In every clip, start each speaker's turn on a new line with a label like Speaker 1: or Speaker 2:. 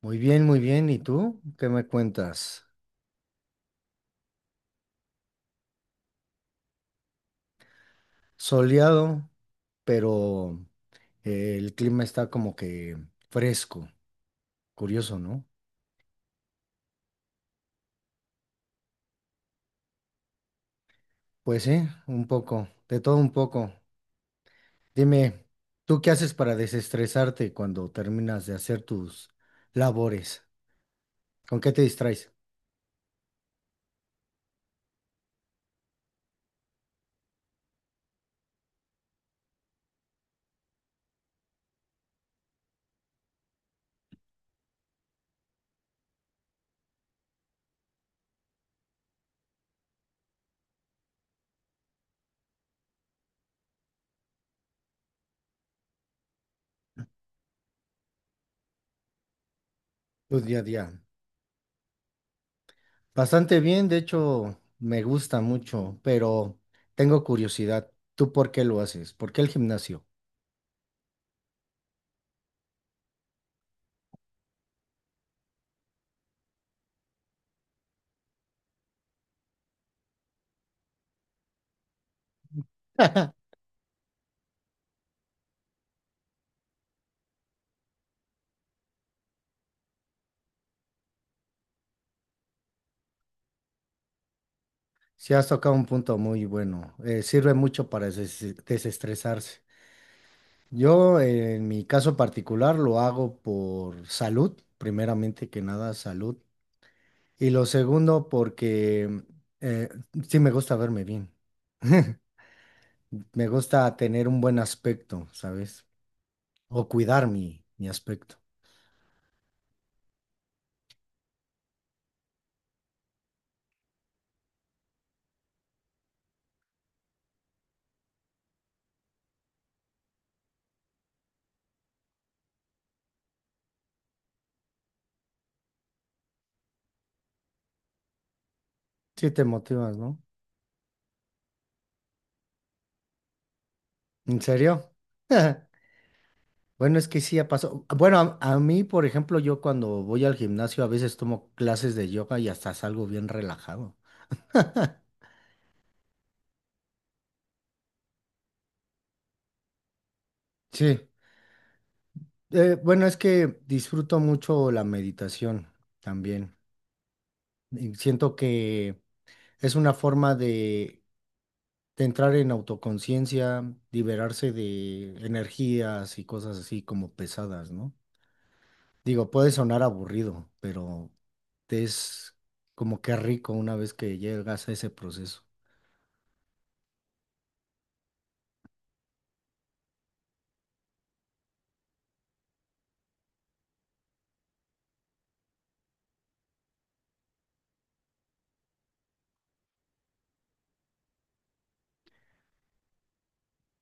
Speaker 1: Muy bien, muy bien. ¿Y tú? ¿Qué me cuentas? Soleado, pero el clima está como que fresco. Curioso, ¿no? Pues sí, un poco, de todo un poco. Dime, ¿tú qué haces para desestresarte cuando terminas de hacer tus labores? ¿Con qué te distraes tu día a día? Bastante bien, de hecho, me gusta mucho, pero tengo curiosidad. ¿Tú por qué lo haces? ¿Por qué el gimnasio? Sí, has tocado un punto muy bueno. Sirve mucho para desestresarse. Yo, en mi caso particular, lo hago por salud, primeramente que nada, salud. Y lo segundo, porque eh, sí me gusta verme bien. Me gusta tener un buen aspecto, ¿sabes? O cuidar mi aspecto. Sí, te motivas, ¿no? ¿En serio? Bueno, es que sí ha pasado. Bueno, a mí, por ejemplo, yo cuando voy al gimnasio a veces tomo clases de yoga y hasta salgo bien relajado. Sí. Bueno, es que disfruto mucho la meditación también. Y siento que es una forma de entrar en autoconciencia, liberarse de energías y cosas así como pesadas, ¿no? Digo, puede sonar aburrido, pero es como que rico una vez que llegas a ese proceso.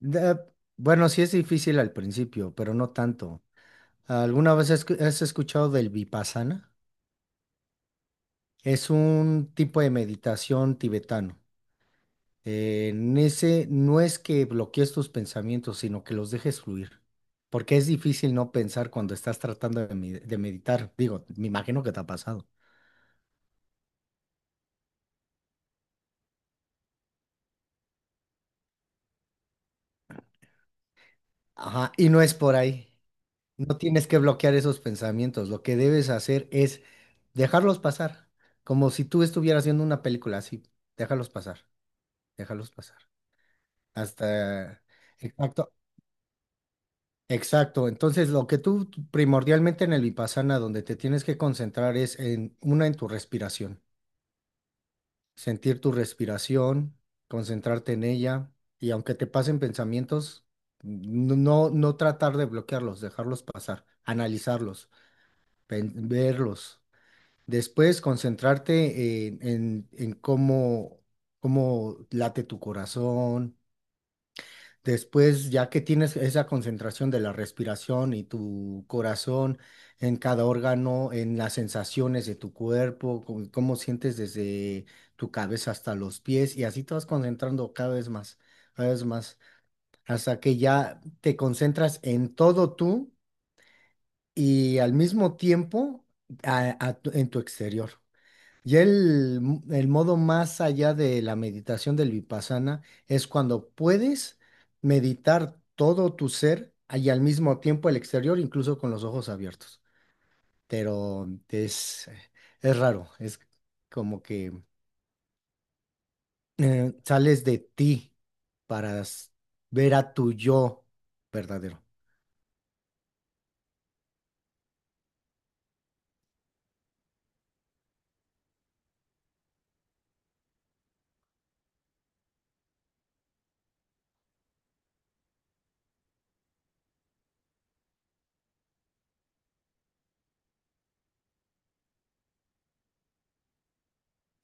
Speaker 1: Da- bueno, sí es difícil al principio, pero no tanto. ¿Alguna vez has escuchado del Vipassana? Es un tipo de meditación tibetano. En ese no es que bloquees tus pensamientos, sino que los dejes fluir. Porque es difícil no pensar cuando estás tratando de meditar. Digo, me imagino que te ha pasado. Ajá, y no es por ahí. No tienes que bloquear esos pensamientos. Lo que debes hacer es dejarlos pasar. Como si tú estuvieras viendo una película así. Déjalos pasar, déjalos pasar. Hasta, exacto. Exacto, entonces lo que tú primordialmente en el vipassana, donde te tienes que concentrar es en una en tu respiración, sentir tu respiración, concentrarte en ella y aunque te pasen pensamientos, no, no no tratar de bloquearlos, dejarlos pasar, analizarlos, verlos. Después concentrarte en cómo late tu corazón. Después, ya que tienes esa concentración de la respiración y tu corazón en cada órgano, en las sensaciones de tu cuerpo, cómo sientes desde tu cabeza hasta los pies, y así te vas concentrando cada vez más, hasta que ya te concentras en todo tú y al mismo tiempo en tu exterior. Ya el modo más allá de la meditación del vipassana es cuando puedes meditar todo tu ser y al mismo tiempo el exterior, incluso con los ojos abiertos. Pero es raro, es como que sales de ti para ver a tu yo verdadero.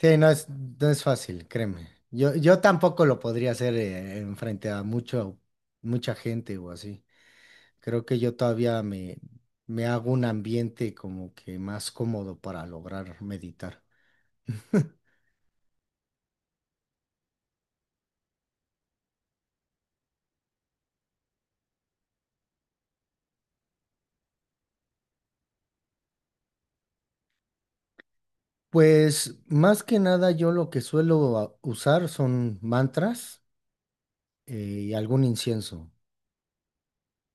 Speaker 1: Sí, no es, no es fácil, créeme. Yo tampoco lo podría hacer en frente a mucha gente o así. Creo que yo todavía me hago un ambiente como que más cómodo para lograr meditar. Pues más que nada yo lo que suelo usar son mantras eh, y algún incienso,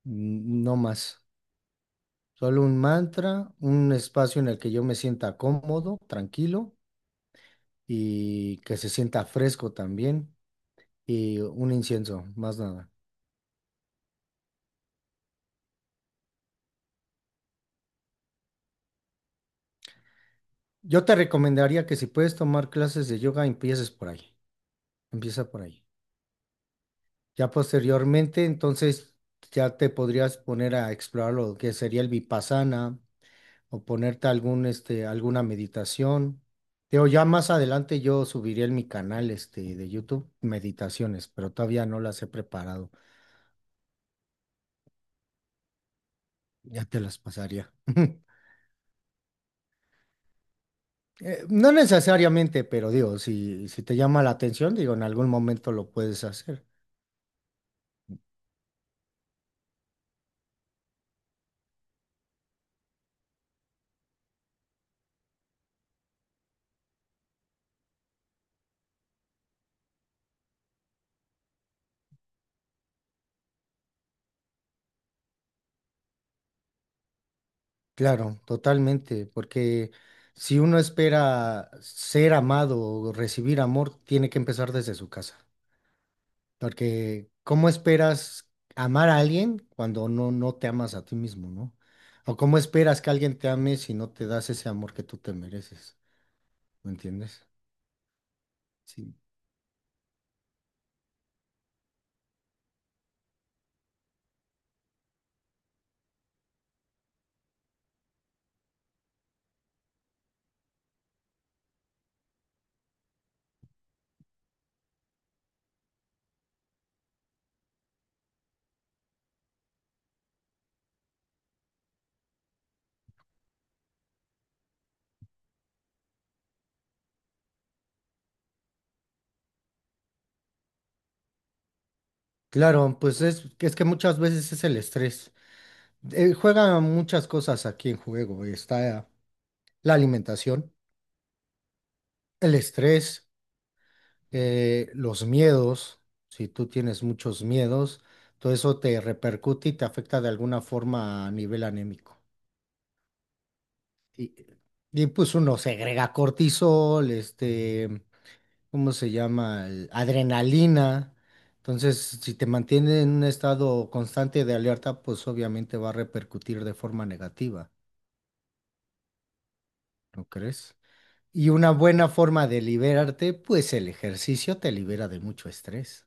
Speaker 1: no más. Solo un mantra, un espacio en el que yo me sienta cómodo, tranquilo y que se sienta fresco también y un incienso, más nada. Yo te recomendaría que si puedes tomar clases de yoga, empieces por ahí. Empieza por ahí. Ya posteriormente, entonces ya te podrías poner a explorar lo que sería el vipassana o ponerte algún, alguna meditación. Digo, ya más adelante yo subiré en mi canal, de YouTube meditaciones, pero todavía no las he preparado. Ya te las pasaría. No necesariamente, pero digo, si te llama la atención, digo, en algún momento lo puedes hacer. Claro, totalmente, porque si uno espera ser amado o recibir amor, tiene que empezar desde su casa. Porque ¿cómo esperas amar a alguien cuando no, no te amas a ti mismo, ¿no? O cómo esperas que alguien te ame si no te das ese amor que tú te mereces, ¿me entiendes? Sí. Claro, pues es que muchas veces es el estrés. Juegan muchas cosas aquí en juego. Está la alimentación, el estrés. Los miedos, si tú tienes muchos miedos, todo eso te repercute y te afecta de alguna forma a nivel anémico. Y, y, pues uno segrega cortisol, ¿cómo se llama? Adrenalina. Entonces, si te mantiene en un estado constante de alerta, pues obviamente va a repercutir de forma negativa, ¿no crees? Y una buena forma de liberarte, pues el ejercicio te libera de mucho estrés.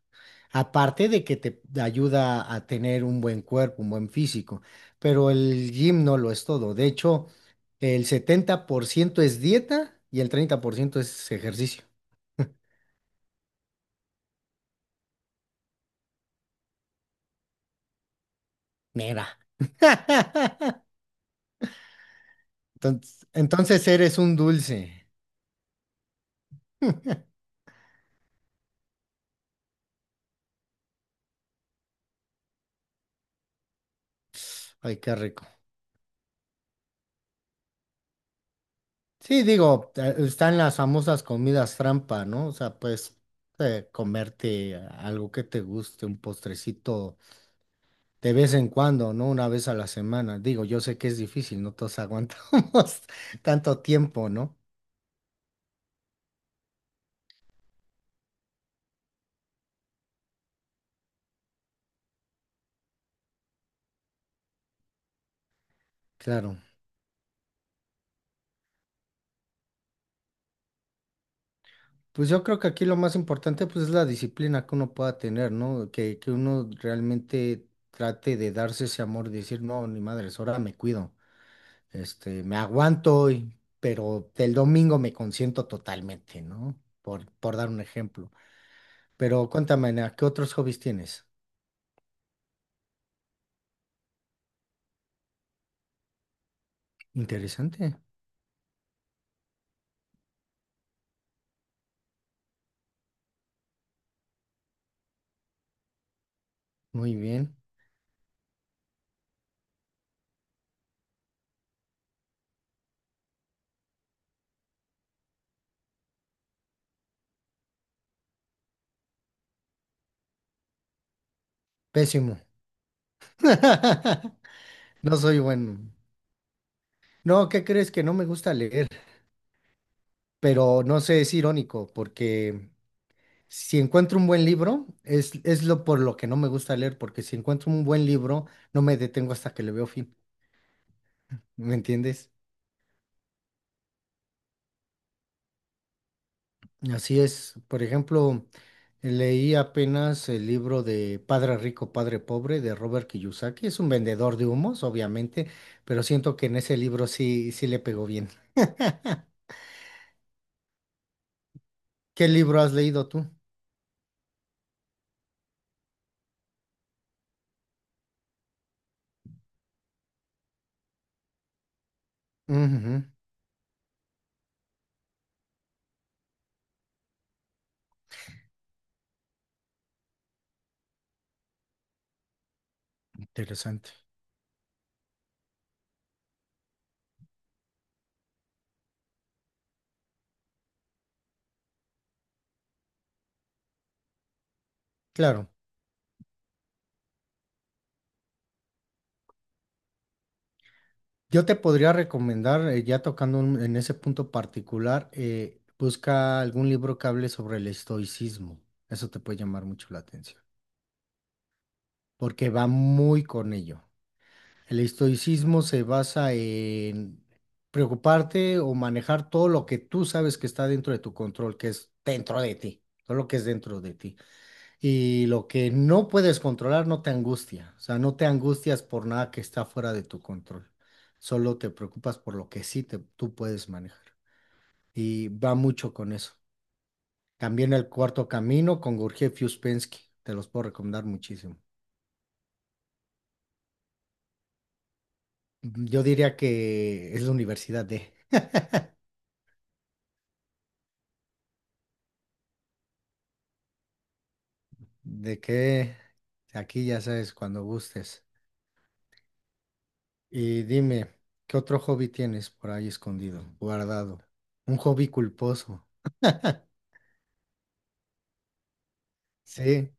Speaker 1: Aparte de que te ayuda a tener un buen cuerpo, un buen físico, pero el gym no lo es todo. De hecho, el 70% es dieta y el 30% es ejercicio. Mira. Entonces eres un dulce. Ay, qué rico. Sí, digo, están las famosas comidas trampa, ¿no? O sea, pues comerte algo que te guste, un postrecito de vez en cuando, ¿no? Una vez a la semana. Digo, yo sé que es difícil, no todos aguantamos tanto tiempo, ¿no? Claro. Pues yo creo que aquí lo más importante pues es la disciplina que uno pueda tener, ¿no? Que uno realmente trate de darse ese amor, decir, no, ni madres, ahora me cuido. Me aguanto, pero el domingo me consiento totalmente, ¿no? Por dar un ejemplo. Pero cuéntame, Ana, ¿qué otros hobbies tienes? Interesante. Muy bien. Pésimo. No soy bueno. No, ¿qué crees que no me gusta leer? Pero no sé, es irónico, porque si encuentro un buen libro, es lo por lo que no me gusta leer, porque si encuentro un buen libro, no me detengo hasta que le veo fin. ¿Me entiendes? Así es. Por ejemplo, leí apenas el libro de Padre Rico, Padre Pobre de Robert Kiyosaki. Es un vendedor de humos, obviamente, pero siento que en ese libro sí, sí le pegó bien. ¿Qué libro has leído tú? Ujú, interesante. Claro. Yo te podría recomendar, ya tocando en ese punto particular, busca algún libro que hable sobre el estoicismo. Eso te puede llamar mucho la atención, porque va muy con ello. El estoicismo se basa en preocuparte o manejar todo lo que tú sabes que está dentro de tu control, que es dentro de ti, todo lo que es dentro de ti. Y lo que no puedes controlar no te angustia, o sea, no te angustias por nada que está fuera de tu control, solo te preocupas por lo que sí tú puedes manejar. Y va mucho con eso. También el cuarto camino con Gurdjieff y Uspensky, te los puedo recomendar muchísimo. Yo diría que es la universidad de... ¿De qué? Aquí ya sabes, cuando gustes. Y dime, ¿qué otro hobby tienes por ahí escondido, guardado? Un hobby culposo. Sí,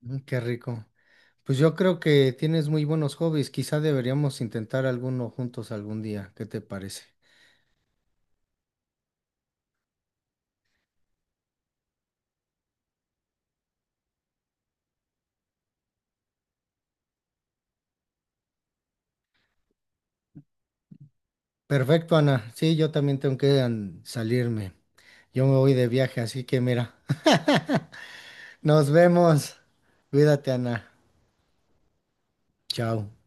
Speaker 1: qué rico. Pues yo creo que tienes muy buenos hobbies. Quizá deberíamos intentar alguno juntos algún día. ¿Qué te parece? Perfecto, Ana. Sí, yo también tengo que salirme. Yo me voy de viaje, así que mira. Nos vemos. Cuídate, Ana. Chao.